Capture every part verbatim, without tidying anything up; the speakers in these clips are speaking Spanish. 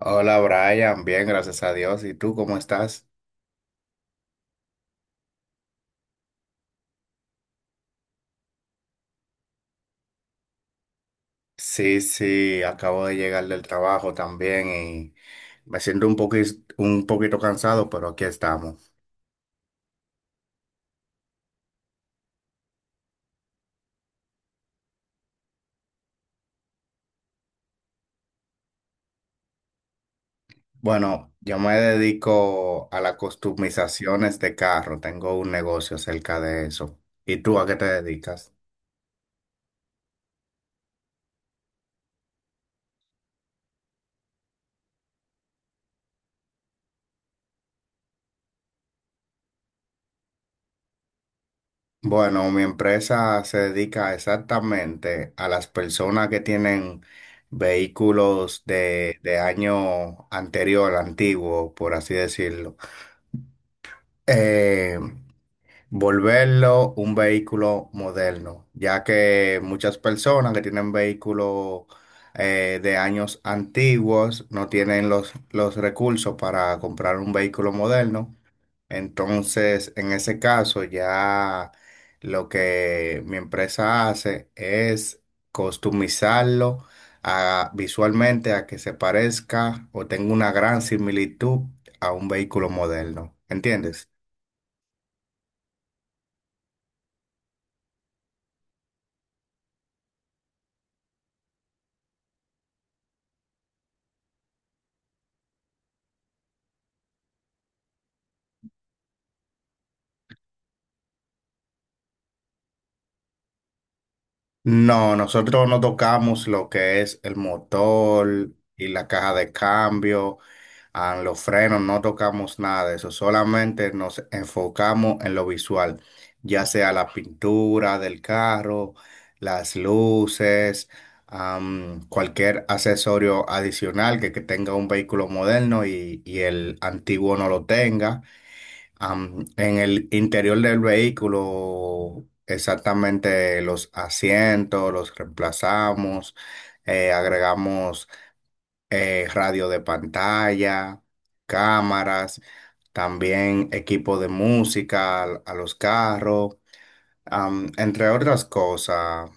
Hola Brian, bien, gracias a Dios. ¿Y tú cómo estás? Sí, sí, acabo de llegar del trabajo también y me siento un poquis- un poquito cansado, pero aquí estamos. Bueno, yo me dedico a las customizaciones de carro, tengo un negocio cerca de eso. ¿Y tú a qué te dedicas? Bueno, mi empresa se dedica exactamente a las personas que tienen vehículos de, de año anterior, antiguo, por así decirlo. eh, Volverlo un vehículo moderno, ya que muchas personas que tienen vehículos eh, de años antiguos no tienen los, los recursos para comprar un vehículo moderno. Entonces, en ese caso, ya lo que mi empresa hace es customizarlo a- visualmente a que se parezca o tenga una gran similitud a un vehículo moderno. ¿Entiendes? No, nosotros no tocamos lo que es el motor y la caja de cambio, ah, los frenos, no tocamos nada de eso, solamente nos enfocamos en lo visual, ya sea la pintura del carro, las luces, am, cualquier accesorio adicional que, que tenga un vehículo moderno y, y el antiguo no lo tenga. Am, en el interior del vehículo, exactamente los asientos, los reemplazamos, eh, agregamos eh, radio de pantalla, cámaras, también equipo de música al- a, los carros, am, entre otras cosas.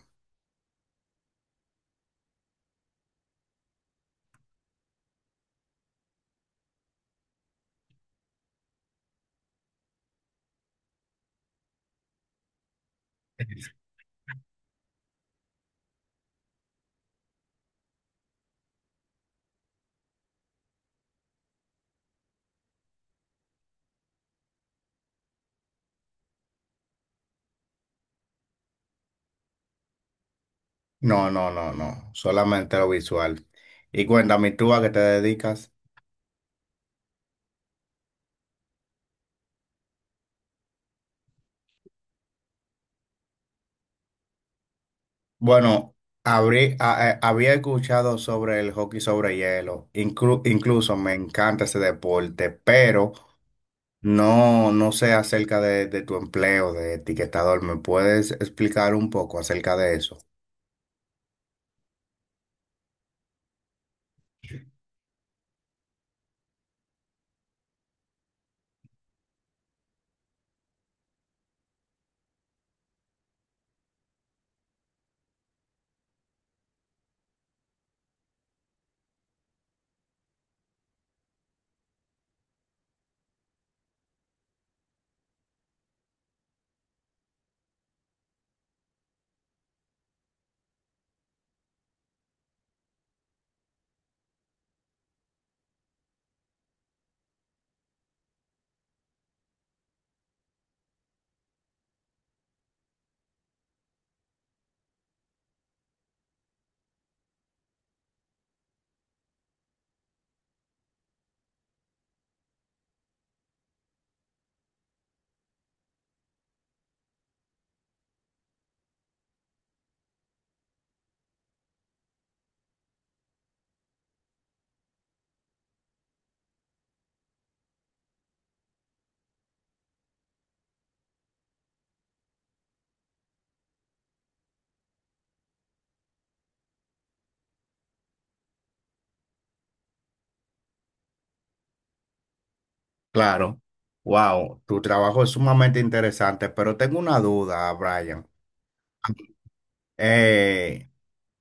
No, no, no, no, solamente lo visual. Y cuéntame, ¿tú a qué te dedicas? Bueno, habré- a- a- había escuchado sobre el hockey sobre hielo. Inclu- incluso me encanta ese deporte, pero no, no sé acerca de, de tu empleo de etiquetador. ¿Me puedes explicar un poco acerca de eso? Claro. Wow, tu trabajo es sumamente interesante, pero tengo una duda, Brian. Eh,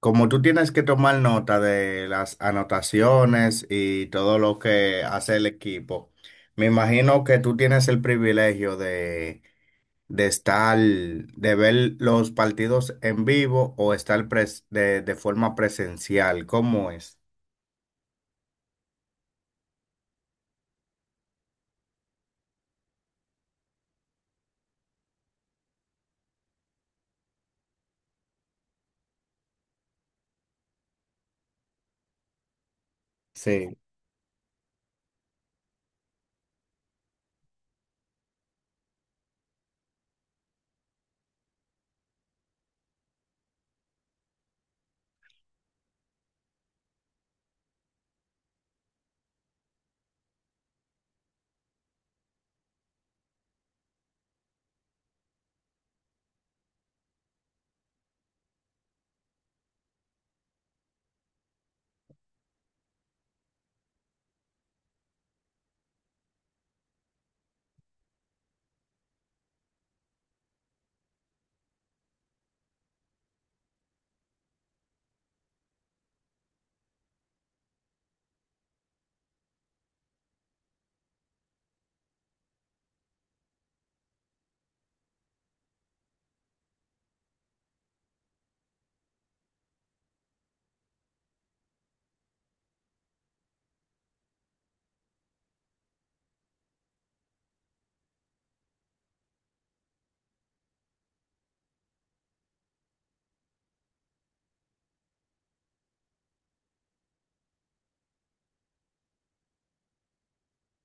Como tú tienes que tomar nota de las anotaciones y todo lo que hace el equipo, me imagino que tú tienes el privilegio de, de estar, de ver los partidos en vivo o estar pres- de, de forma presencial. ¿Cómo es? Sí.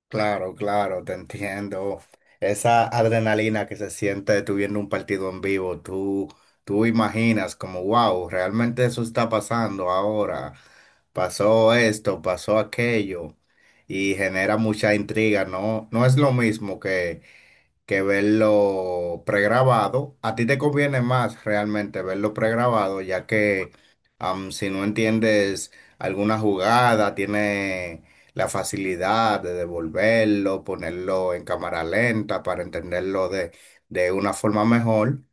Claro, claro, te entiendo. Esa adrenalina que se siente tú viendo un partido en vivo, tú, tú imaginas como, wow, realmente eso está pasando ahora. Pasó esto, pasó aquello. Y genera mucha intriga, ¿no? No es lo mismo que que verlo pregrabado. A ti te conviene más realmente verlo pregrabado, ya que am, si no entiendes alguna jugada, tiene la facilidad de devolverlo, ponerlo en cámara lenta para entenderlo de, de una forma mejor,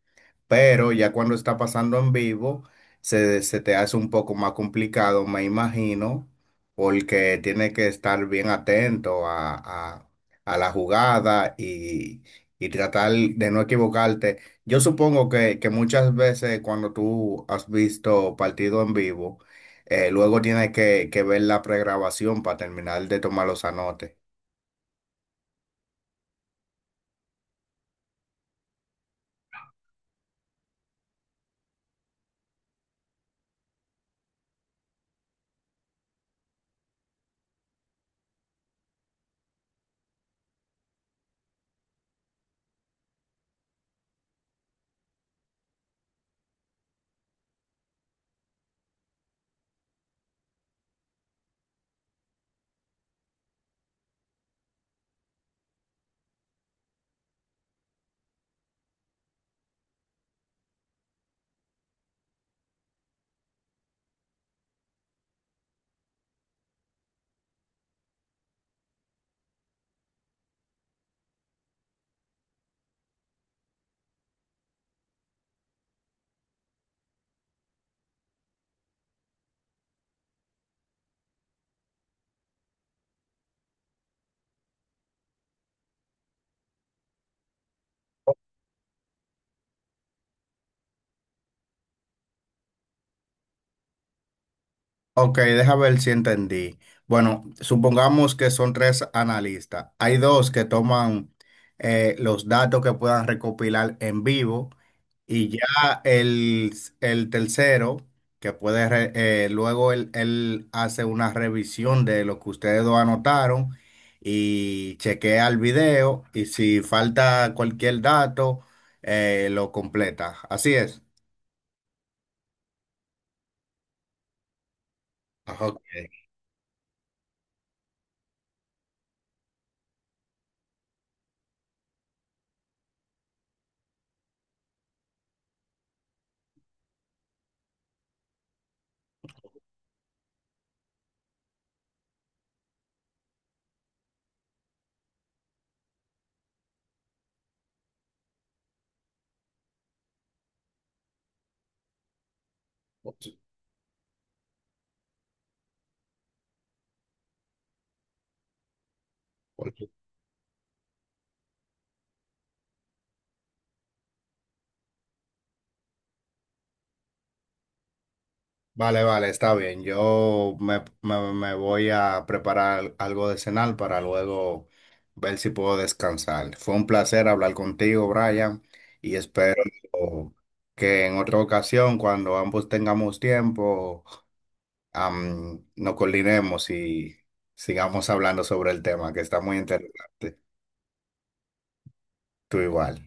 pero ya cuando está pasando en vivo, se, se te hace un poco más complicado, me imagino, porque tiene que estar bien atento a, a- a la jugada y, y tratar de no equivocarte. Yo supongo que, que muchas veces cuando tú has visto partido en vivo, eh, luego tienes que, que ver la pregrabación para terminar de tomar los anotes. Ok, deja ver si entendí. Bueno, supongamos que son tres analistas. Hay dos que toman eh, los datos que puedan recopilar en vivo, y ya el, el tercero, que puede, re- eh, luego él, él hace una revisión de lo que ustedes dos anotaron y chequea el video y si falta cualquier dato, eh, lo completa. Así es. Ajá, ok. Vale, vale, está bien. Yo me, me- me voy a preparar algo de cenar para luego ver si puedo descansar. Fue un placer hablar contigo, Brian, y espero que en otra ocasión, cuando ambos tengamos tiempo, am, nos coordinemos y sigamos hablando sobre el tema, que está muy interesante. Tú igual.